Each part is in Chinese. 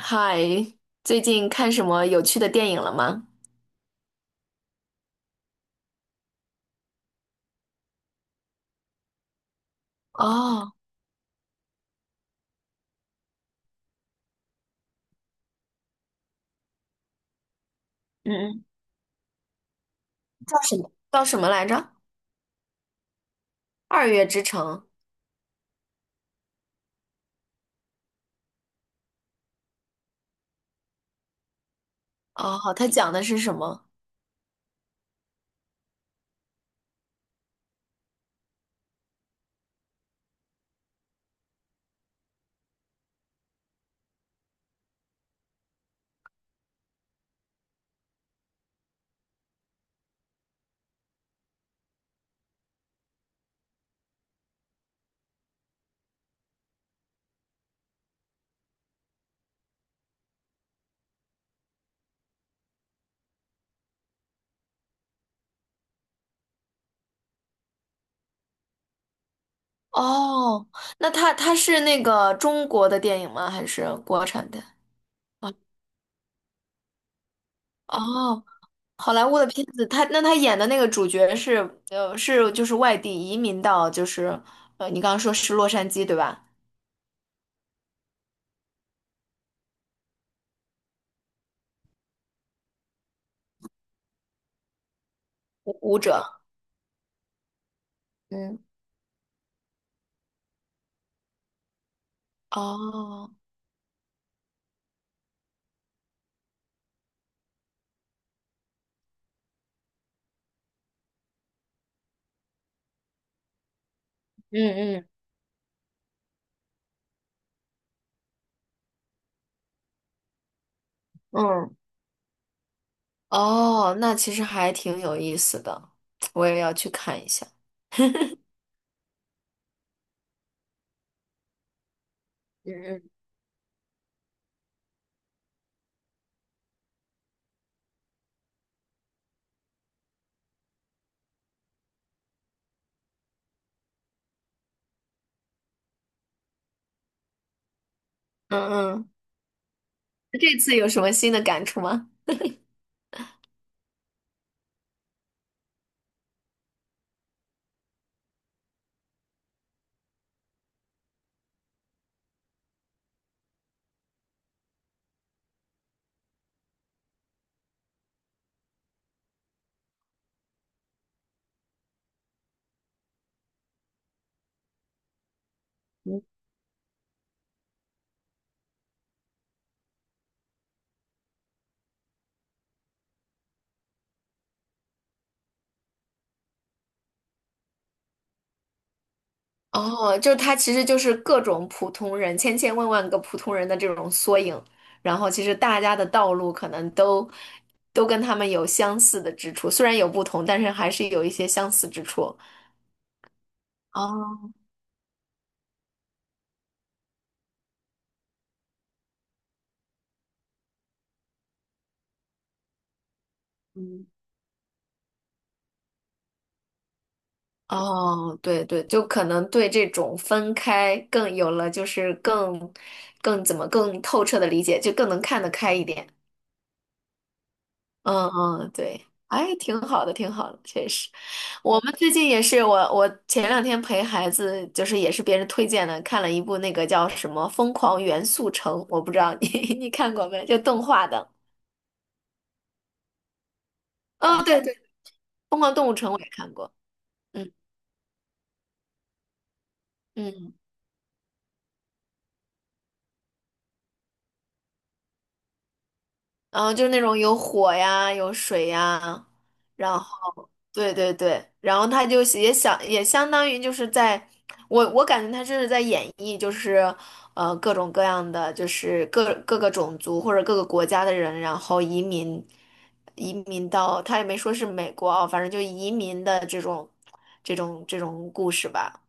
嗨，最近看什么有趣的电影了吗？哦，嗯嗯，叫什么？叫什么来着？《二月之城》。哦，好，它讲的是什么？哦，那它是那个中国的电影吗？还是国产的？啊，哦，好莱坞的片子，他那他演的那个主角是是就是外地移民到就是你刚刚说是洛杉矶对吧？舞者。嗯，哦，嗯嗯嗯。哦，那其实还挺有意思的，我也要去看一下。嗯嗯，嗯嗯，这次有什么新的感触吗？哦，就是它其实就是各种普通人，千千万万个普通人的这种缩影，然后其实大家的道路可能都跟他们有相似的之处，虽然有不同，但是还是有一些相似之处。哦。哦，对对，就可能对这种分开更有了，就是更更怎么更透彻的理解，就更能看得开一点。嗯嗯，对，哎，挺好的，挺好的，确实。我们最近也是，我前两天陪孩子，就是也是别人推荐的，看了一部那个叫什么《疯狂元素城》，我不知道你 你看过没，就动画的。哦，对对，《疯狂动物城》我也看过。嗯嗯。嗯，呃就是那种有火呀，有水呀，然后对对对，然后他就是也想也相当于就是在，我感觉他这是在演绎，就是呃各种各样的，就是各个种族或者各个国家的人，然后移民到他也没说是美国啊，反正就移民的这种这种故事吧。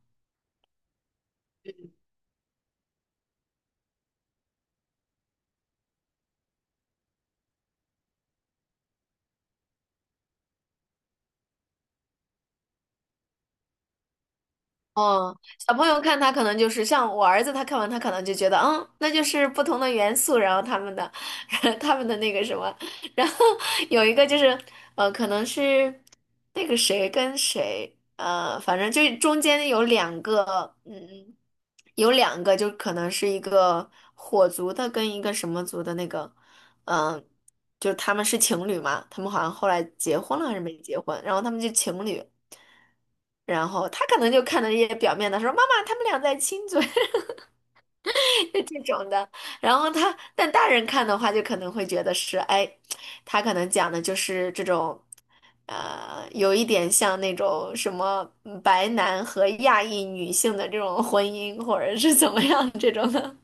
哦，小朋友看他可能就是像我儿子，他看完他可能就觉得，嗯，那就是不同的元素，然后他们的，他们的那个什么，然后有一个就是，呃，可能是那个谁跟谁，呃，反正就是中间有两个，嗯，有两个就可能是一个火族的跟一个什么族的那个，嗯、就是他们是情侣嘛，他们好像后来结婚了还是没结婚，然后他们就情侣。然后他可能就看到一些表面的说妈妈他们俩在亲嘴，就这种的。然后他但大人看的话，就可能会觉得是哎，他可能讲的就是这种，有一点像那种什么白男和亚裔女性的这种婚姻，或者是怎么样这种的。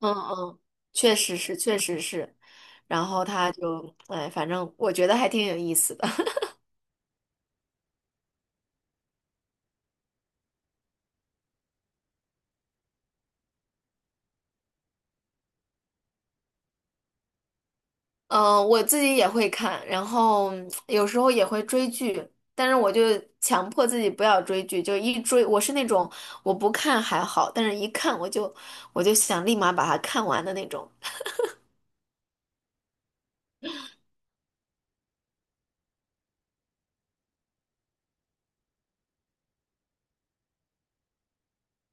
嗯嗯，确实是，确实是。然后他就哎，反正我觉得还挺有意思的。嗯，我自己也会看，然后有时候也会追剧，但是强迫自己不要追剧，就一追，我是那种我不看还好，但是一看我就想立马把它看完的那种。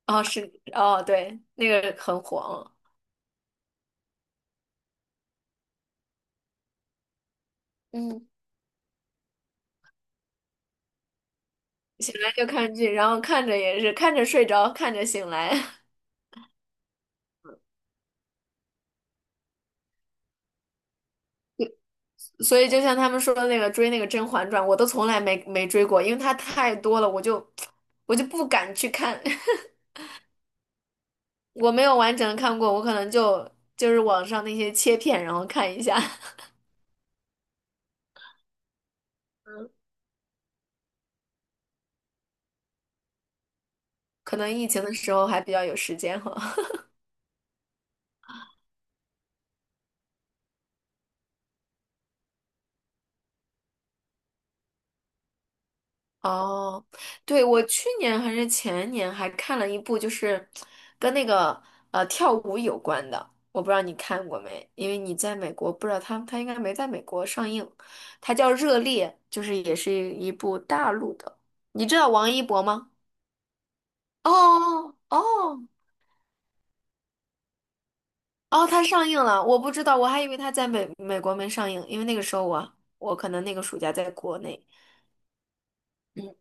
哦，是，哦，对，那个很火，嗯，醒来就看剧，然后看着也是看着睡着，看着醒来，所以就像他们说的那个追那个《甄嬛传》，我都从来没追过，因为它太多了，我就不敢去看。我没有完整看过，我可能就就是网上那些切片，然后看一下。可能疫情的时候还比较有时间哈。哦，对，我去年还是前年还看了一部，就是跟那个跳舞有关的，我不知道你看过没？因为你在美国，不知道他应该没在美国上映。它叫《热烈》，就是也是一部大陆的。你知道王一博吗？哦哦，哦，它上映了，我不知道，我还以为它在美国没上映，因为那个时候我可能那个暑假在国内。嗯，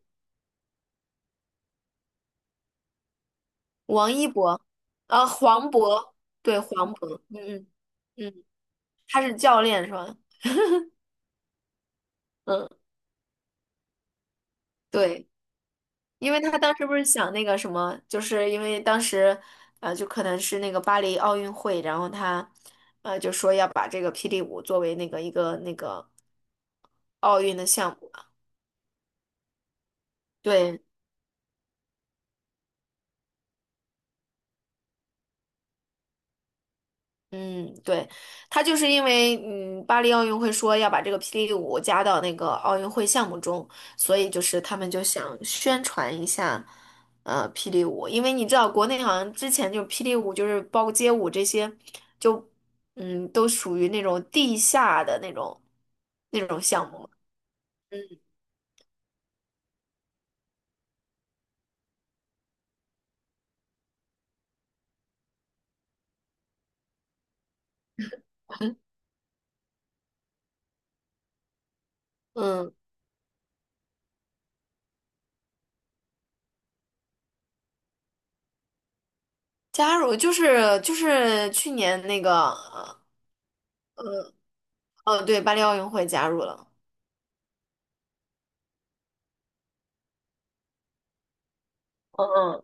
王一博，啊，黄渤，对，黄渤，嗯嗯嗯，他是教练是吧？嗯，对，因为他当时不是想那个什么，就是因为当时，呃，就可能是那个巴黎奥运会，然后他，呃，就说要把这个霹雳舞作为那个一个那个奥运的项目。对，嗯，对，他就是因为嗯，巴黎奥运会说要把这个霹雳舞加到那个奥运会项目中，所以就是他们就想宣传一下，呃，霹雳舞，因为你知道国内好像之前就霹雳舞就是包括街舞这些，就嗯都属于那种地下的那种项目嘛。嗯，加入就是去年那个对巴黎奥运会加入了。嗯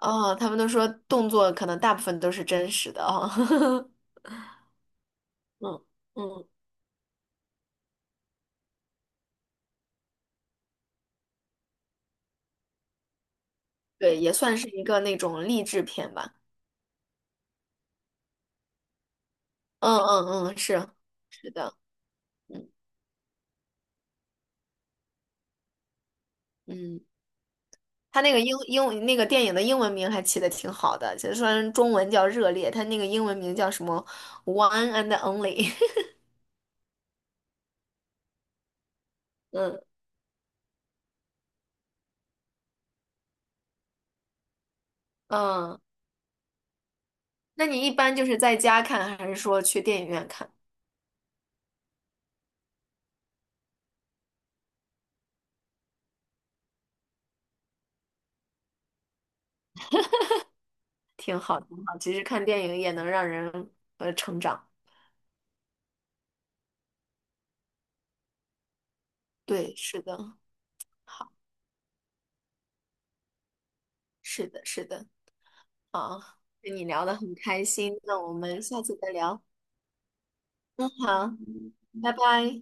哦，他们都说动作可能大部分都是真实的哦。嗯嗯，对，也算是一个那种励志片吧。嗯嗯嗯，是是的，嗯嗯，他那个英那个电影的英文名还起的挺好的，其实虽然中文叫《热烈》，他那个英文名叫什么《One and Only》。嗯嗯，那你一般就是在家看，还是说去电影院看？挺好，挺好。其实看电影也能让人成长。对，是的，好，是的，是的。好，跟你聊得很开心，那我们下次再聊。嗯，好，拜拜。